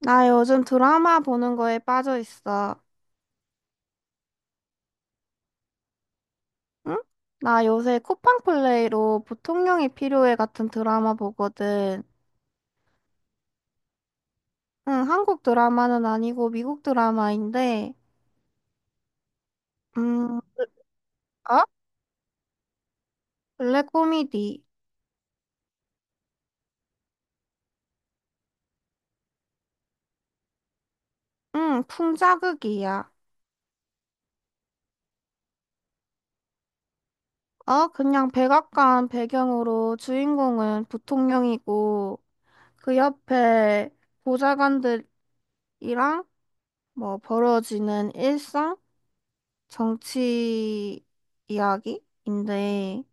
나 요즘 드라마 보는 거에 빠져 있어. 응? 나 요새 쿠팡플레이로 보통령이 필요해 같은 드라마 보거든. 응, 한국 드라마는 아니고 미국 드라마인데, 음, 어? 블랙 코미디. 응, 풍자극이야. 어, 그냥 백악관 배경으로 주인공은 부통령이고, 그 옆에 보좌관들이랑 뭐 벌어지는 일상? 정치 이야기인데,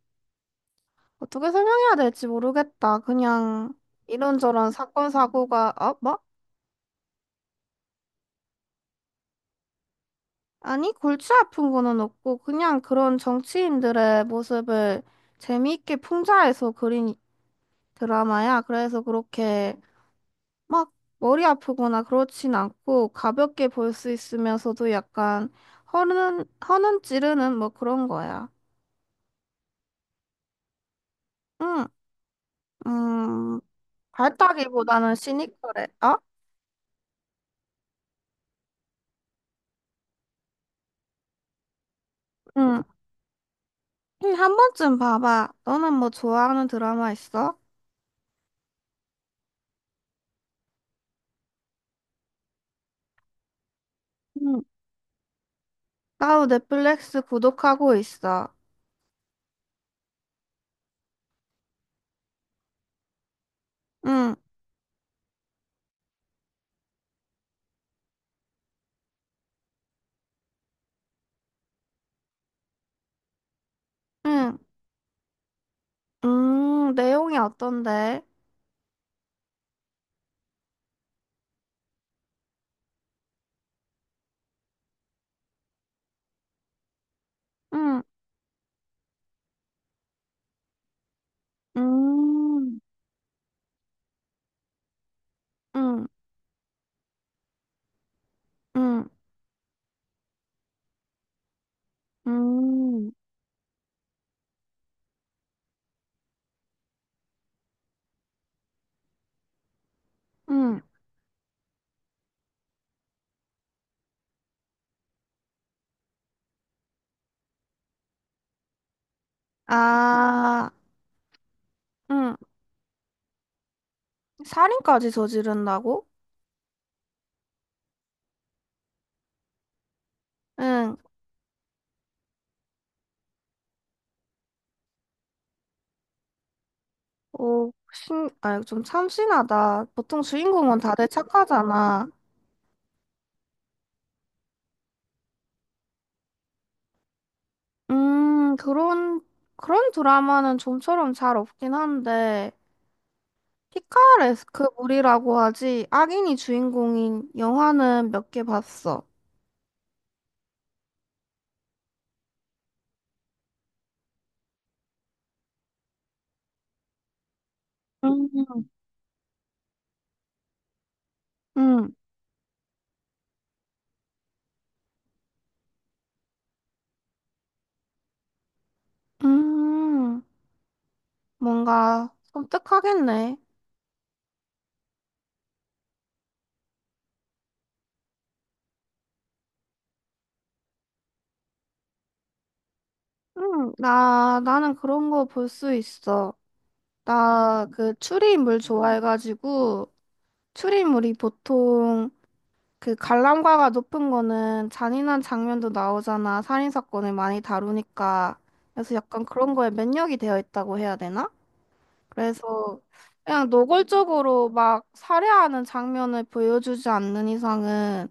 어떻게 설명해야 될지 모르겠다. 그냥 이런저런 사건 사고가. 어? 뭐? 아니, 골치 아픈 거는 없고 그냥 그런 정치인들의 모습을 재미있게 풍자해서 그린 드라마야. 그래서 그렇게 막 머리 아프거나 그렇진 않고 가볍게 볼 수 있으면서도 약간 허는 찌르는 뭐 그런 거야. 응, 음, 밝다기보다는 시니컬해. 어? 응. 응, 한 번쯤 봐봐. 너는 뭐 좋아하는 드라마 있어? 응. 나도 넷플릭스 구독하고 있어. 응, 응, 내용이 어떤데? 응, 음, 응, 응, 응 응. 아, 응. 살인까지 저지른다고? 응. 오, 신, 아, 좀 참신하다. 보통 주인공은 다들 착하잖아. 음, 그런, 그런 드라마는 좀처럼 잘 없긴 한데. 피카레스크 물이라고 하지. 악인이 주인공인 영화는 몇 개 봤어. 음. 응. 음, 뭔가 섬뜩하겠네. 응, 나는 그런 거 볼 수 있어. 나 그 추리인물 좋아해가지고, 추리인물이 보통 그 관람가가 높은 거는 잔인한 장면도 나오잖아. 살인사건을 많이 다루니까. 그래서 약간 그런 거에 면역이 되어 있다고 해야 되나? 그래서 그냥 노골적으로 막 살해하는 장면을 보여주지 않는 이상은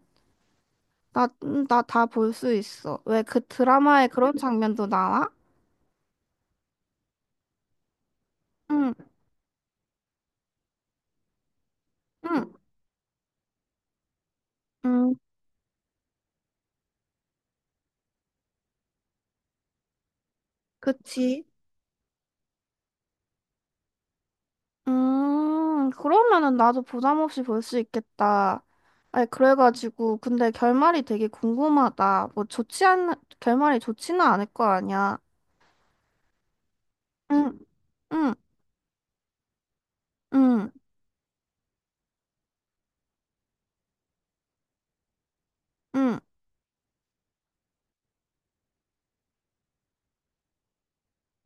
나다 볼 수 있어. 왜 그 드라마에 그런 장면도 나와? 응, 응, 응, 그치. 그러면은 나도 부담 없이 볼 수 있겠다. 아니, 그래가지고, 근데 결말이 되게 궁금하다. 결말이 좋지는 않을 거 아니야. 응, 응, 응, 응,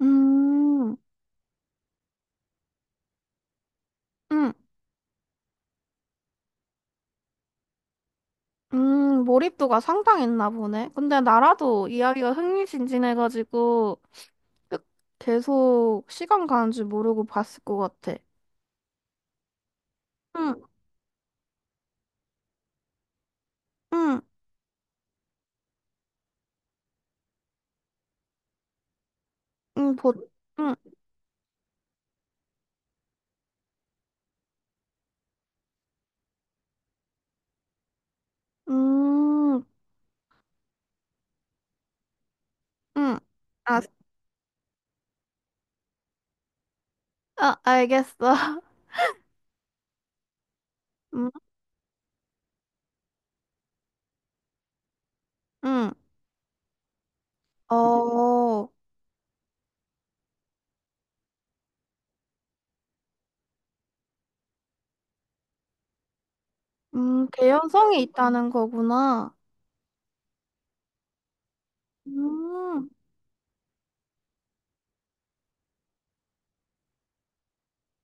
응, 응. 몰입도가 상당했나 보네. 근데 나라도 이야기가 흥미진진해가지고 끝- 계속 시간 가는 줄 모르고 봤을 것 같아. 응, 응, 응, 응, 음, 응. 아, 아, 알겠어. 음, 응. 어, 개연성이 있다는 거구나. 음,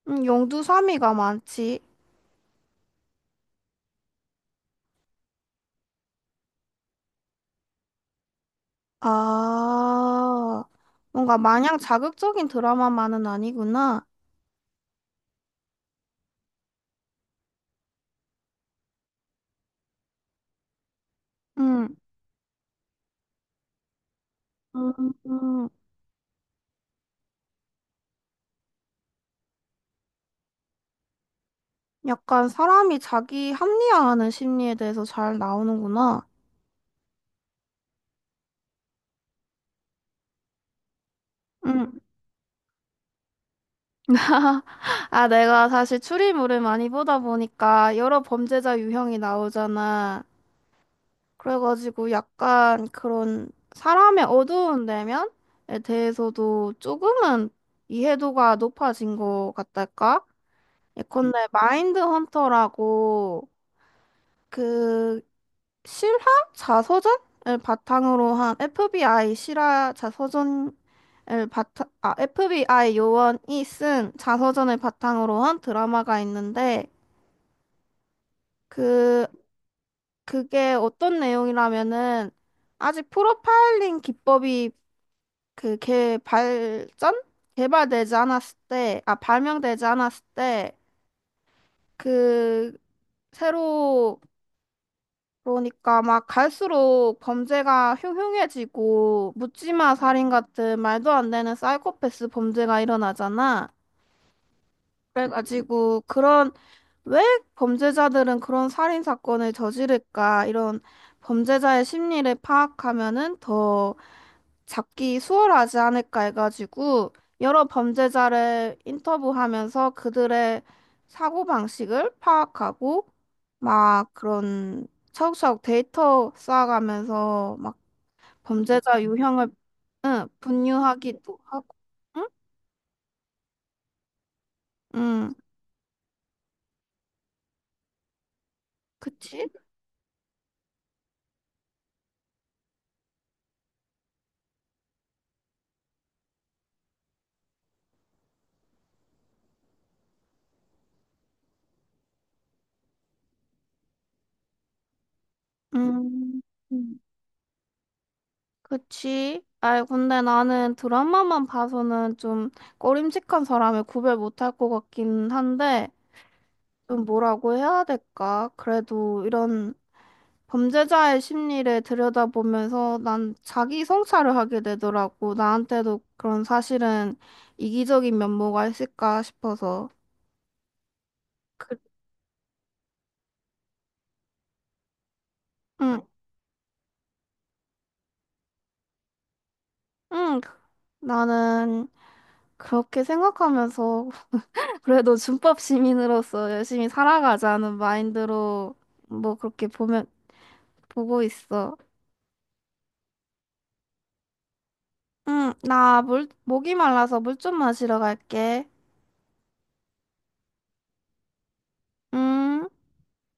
용두사미가 많지. 아, 뭔가 마냥 자극적인 드라마만은 아니구나. 음. 음, 약간 사람이 자기 합리화하는 심리에 대해서 잘 나오는구나. 음. 아, 내가 사실 추리물을 많이 보다 보니까 여러 범죄자 유형이 나오잖아. 그래가지고 약간 그런 사람의 어두운 내면에 대해서도 조금은 이해도가 높아진 것 같달까? 예컨대 마인드 헌터라고 그 실화 자서전을 바탕으로 한 FBI 실화 자서전을 바탕, 아, FBI 요원이 쓴 자서전을 바탕으로 한 드라마가 있는데, 그, 그게 어떤 내용이라면은 아직 프로파일링 기법이 그 개 발전 개발되지 않았을 때, 아, 발명되지 않았을 때 그 새로, 그러니까 막 갈수록 범죄가 흉흉해지고 묻지마 살인 같은 말도 안 되는 사이코패스 범죄가 일어나잖아. 그래가지고 그런, 왜 범죄자들은 그런 살인 사건을 저지를까, 이런 범죄자의 심리를 파악하면은 더 잡기 수월하지 않을까 해가지고 여러 범죄자를 인터뷰하면서 그들의 사고방식을 파악하고 막 그런 차곡차곡 데이터 쌓아가면서 막 범죄자 유형을 응, 분류하기도 하고. 응? 응, 그치? 음, 음, 그치? 아이, 근데 나는 드라마만 봐서는 좀 꺼림칙한 사람을 구별 못할 것 같긴 한데 좀 뭐라고 해야 될까? 그래도 이런 범죄자의 심리를 들여다보면서 난 자기 성찰을 하게 되더라고. 나한테도 그런 사실은 이기적인 면모가 있을까 싶어서. 그, 응, 응. 나는 그렇게 생각하면서 그래도 준법 시민으로서 열심히 살아가자는 마인드로 뭐 그렇게 보면 보고 있어. 응, 나 물, 목이 말라서 물 좀 마시러 갈게. 응.